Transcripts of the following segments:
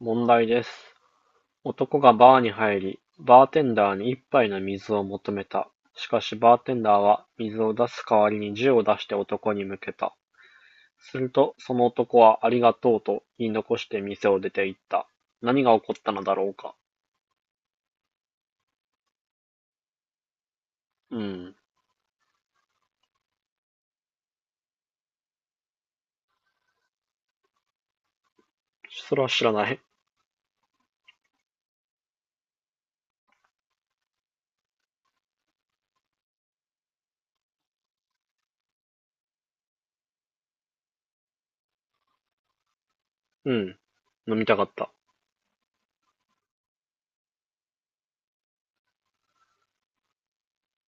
問題です。男がバーに入り、バーテンダーに一杯の水を求めた。しかし、バーテンダーは、水を出す代わりに銃を出して男に向けた。すると、その男は、ありがとうと言い残して店を出て行った。何が起こったのだろうか。うん。それは知らない。うん。飲みたかった。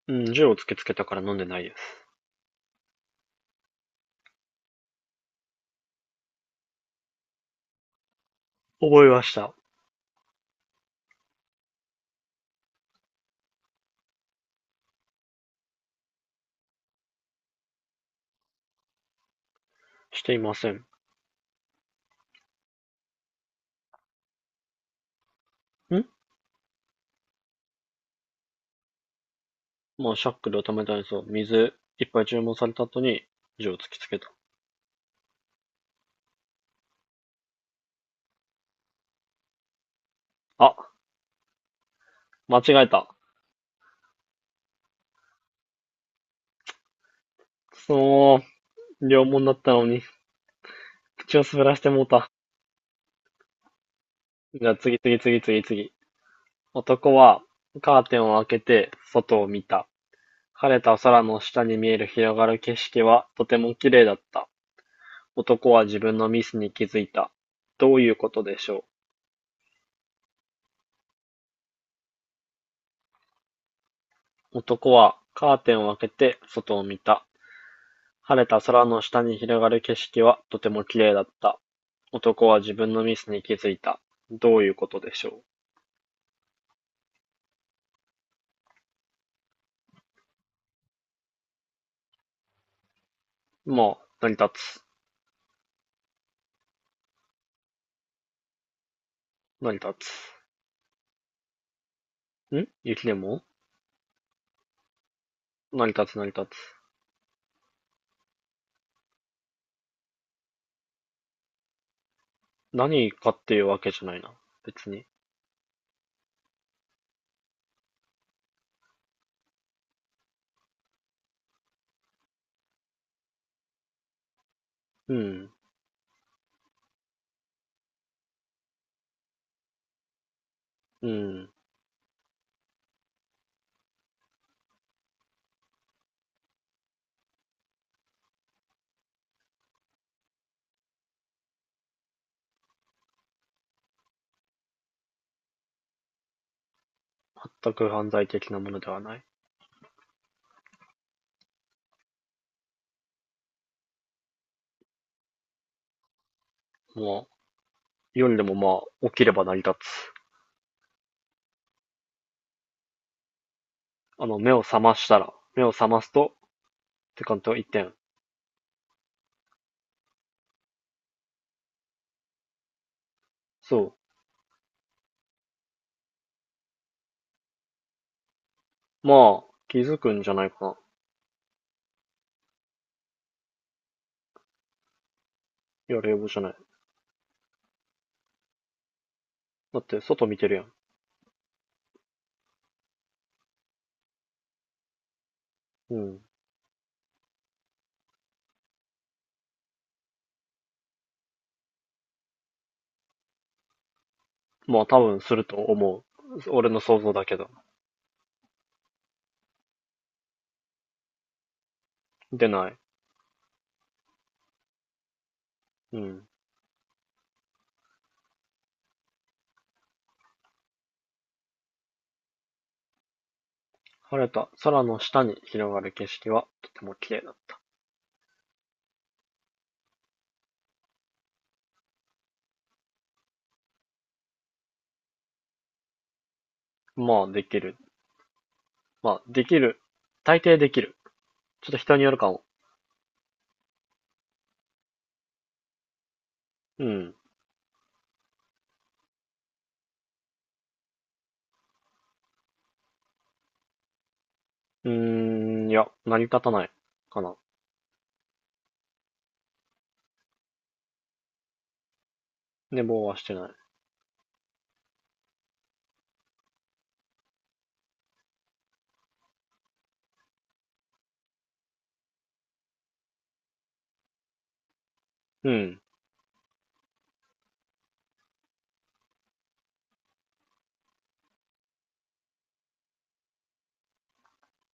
うん、銃を突きつけたから飲んでないです。覚えました。していません。んまあ、シャックルを止めたんですよ。水、いっぱい注文された後に、銃を突きつけた。あ、間違えた。くそー、両門だったのに、口を滑らしてもうた。じゃあ次。男はカーテンを開けて外を見た。晴れた空の下に見える広がる景色はとても綺麗だった。男は自分のミスに気づいた。どういうことでしょう。男はカーテンを開けて外を見た。晴れた空の下に広がる景色はとても綺麗だった。男は自分のミスに気づいた。どういうことでしょう。まあ、成り立つ。成り立つ。雪でも成り立つ成り立つ。何かっていうわけじゃないな。別に。うん。うん。全く犯罪的なものではない。まあ、夜でもまあ、起きれば成り立つ。あの、目を覚ましたら、目を覚ますと、って感じは一点。そう。まあ、気づくんじゃないかな。いや、冷房じゃない。だって、外見てるやん。うん。まあ、多分すると思う。俺の想像だけど。出ない。うん。晴れた空の下に広がる景色はとても綺麗だった。まあ、できる。まあ、できる。大抵できる。ちょっと人によるかも。うん。うーいや、成り立たない。かな。寝坊はしてない。うん。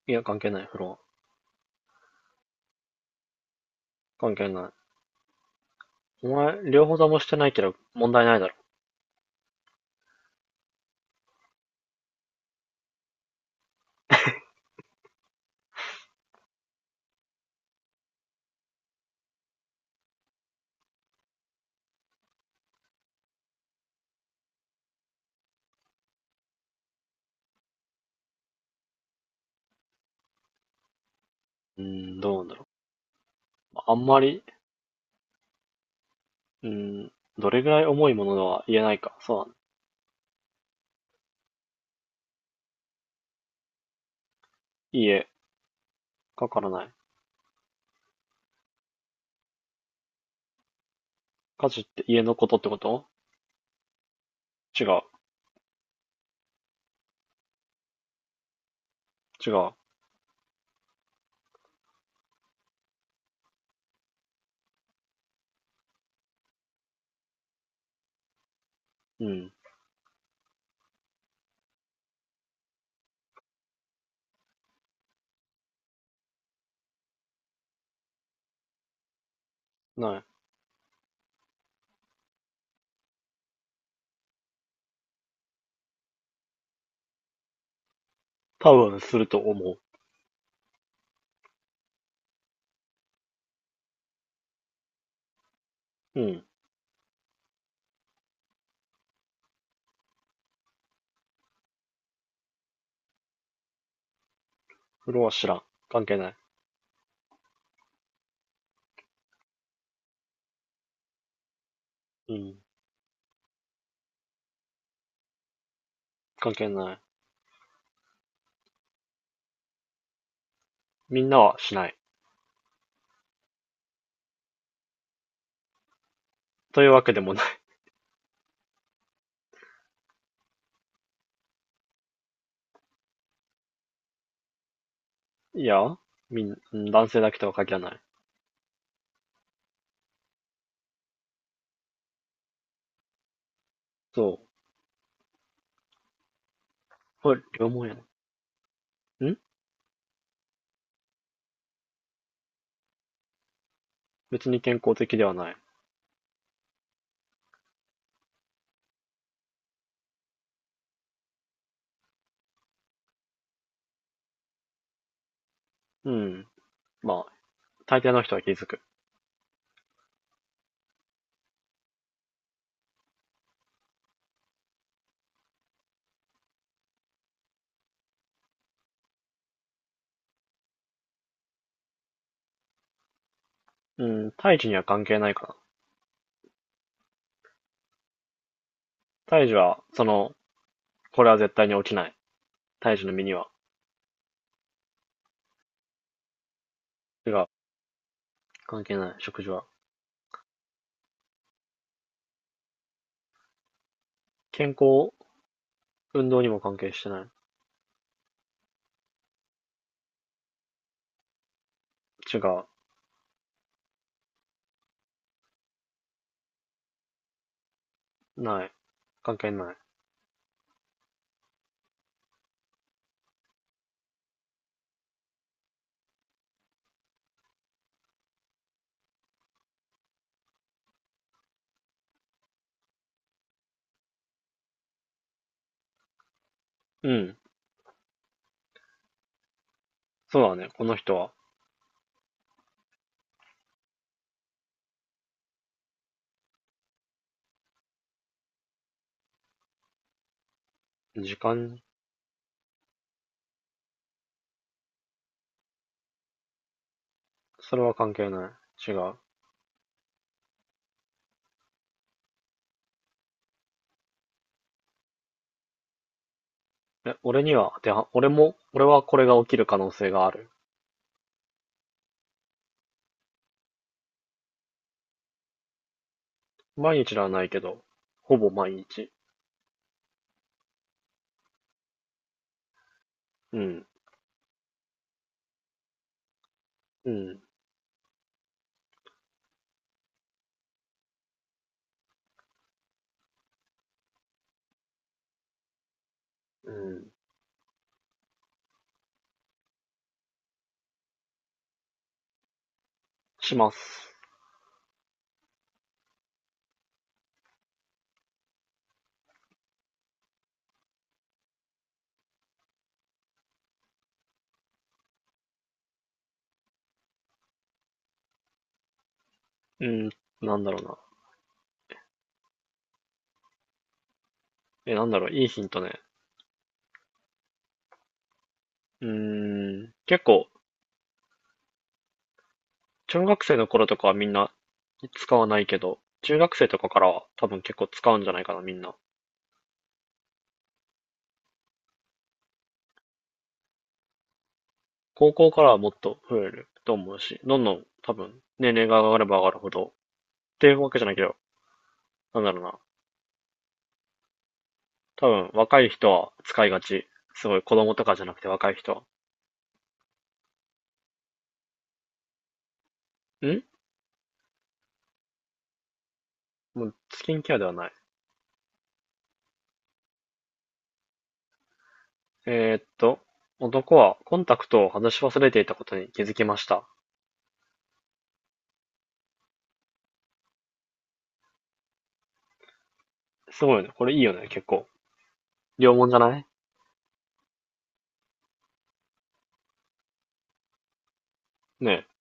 いや、関係ない、風呂は。関係ない。お前、両方ともしてないけど、問題ないだろ。うーん、どうなんだろう。まあんまり、うーん、どれぐらい重いものとは言えないか。そうだね。家、かからない。家事って家のことってこと？違う。違う。うん。ない。多分すると思う。うん。風呂は知らん。関係ない。うん。関係ない。みんなはしない。というわけでもない。いや、みん、男性だけとは限らない。そう。これ、両毛やな。別に健康的ではない。うん。まあ、大抵の人は気づく。うん、胎児には関係ないかな。胎児は、その、これは絶対に起きない。胎児の身には。違う。関係ない。食事は。健康、運動にも関係してない。違う。ない。関係ない。うん。そうだね。この人は。時間、それは関係ない。違う。え、俺には当ては、俺も、俺はこれが起きる可能性がある。毎日ではないけど、ほぼ毎日、うん、うん、うん、します。うん、なんだろうな。え、なんだろう、いいヒントね。結構、中学生の頃とかはみんな使わないけど、中学生とかからは多分結構使うんじゃないかな、みんな。高校からはもっと増えると思うし、どんどん多分年齢が上がれば上がるほど、っていうわけじゃないけど、なんだろうな。多分若い人は使いがち。すごい子供とかじゃなくて若い人は。んもうスキンケアではない。えーっと、男はコンタクトを外し忘れていたことに気づきました。すごいよね。これいいよね、結構。両門じゃないねえ。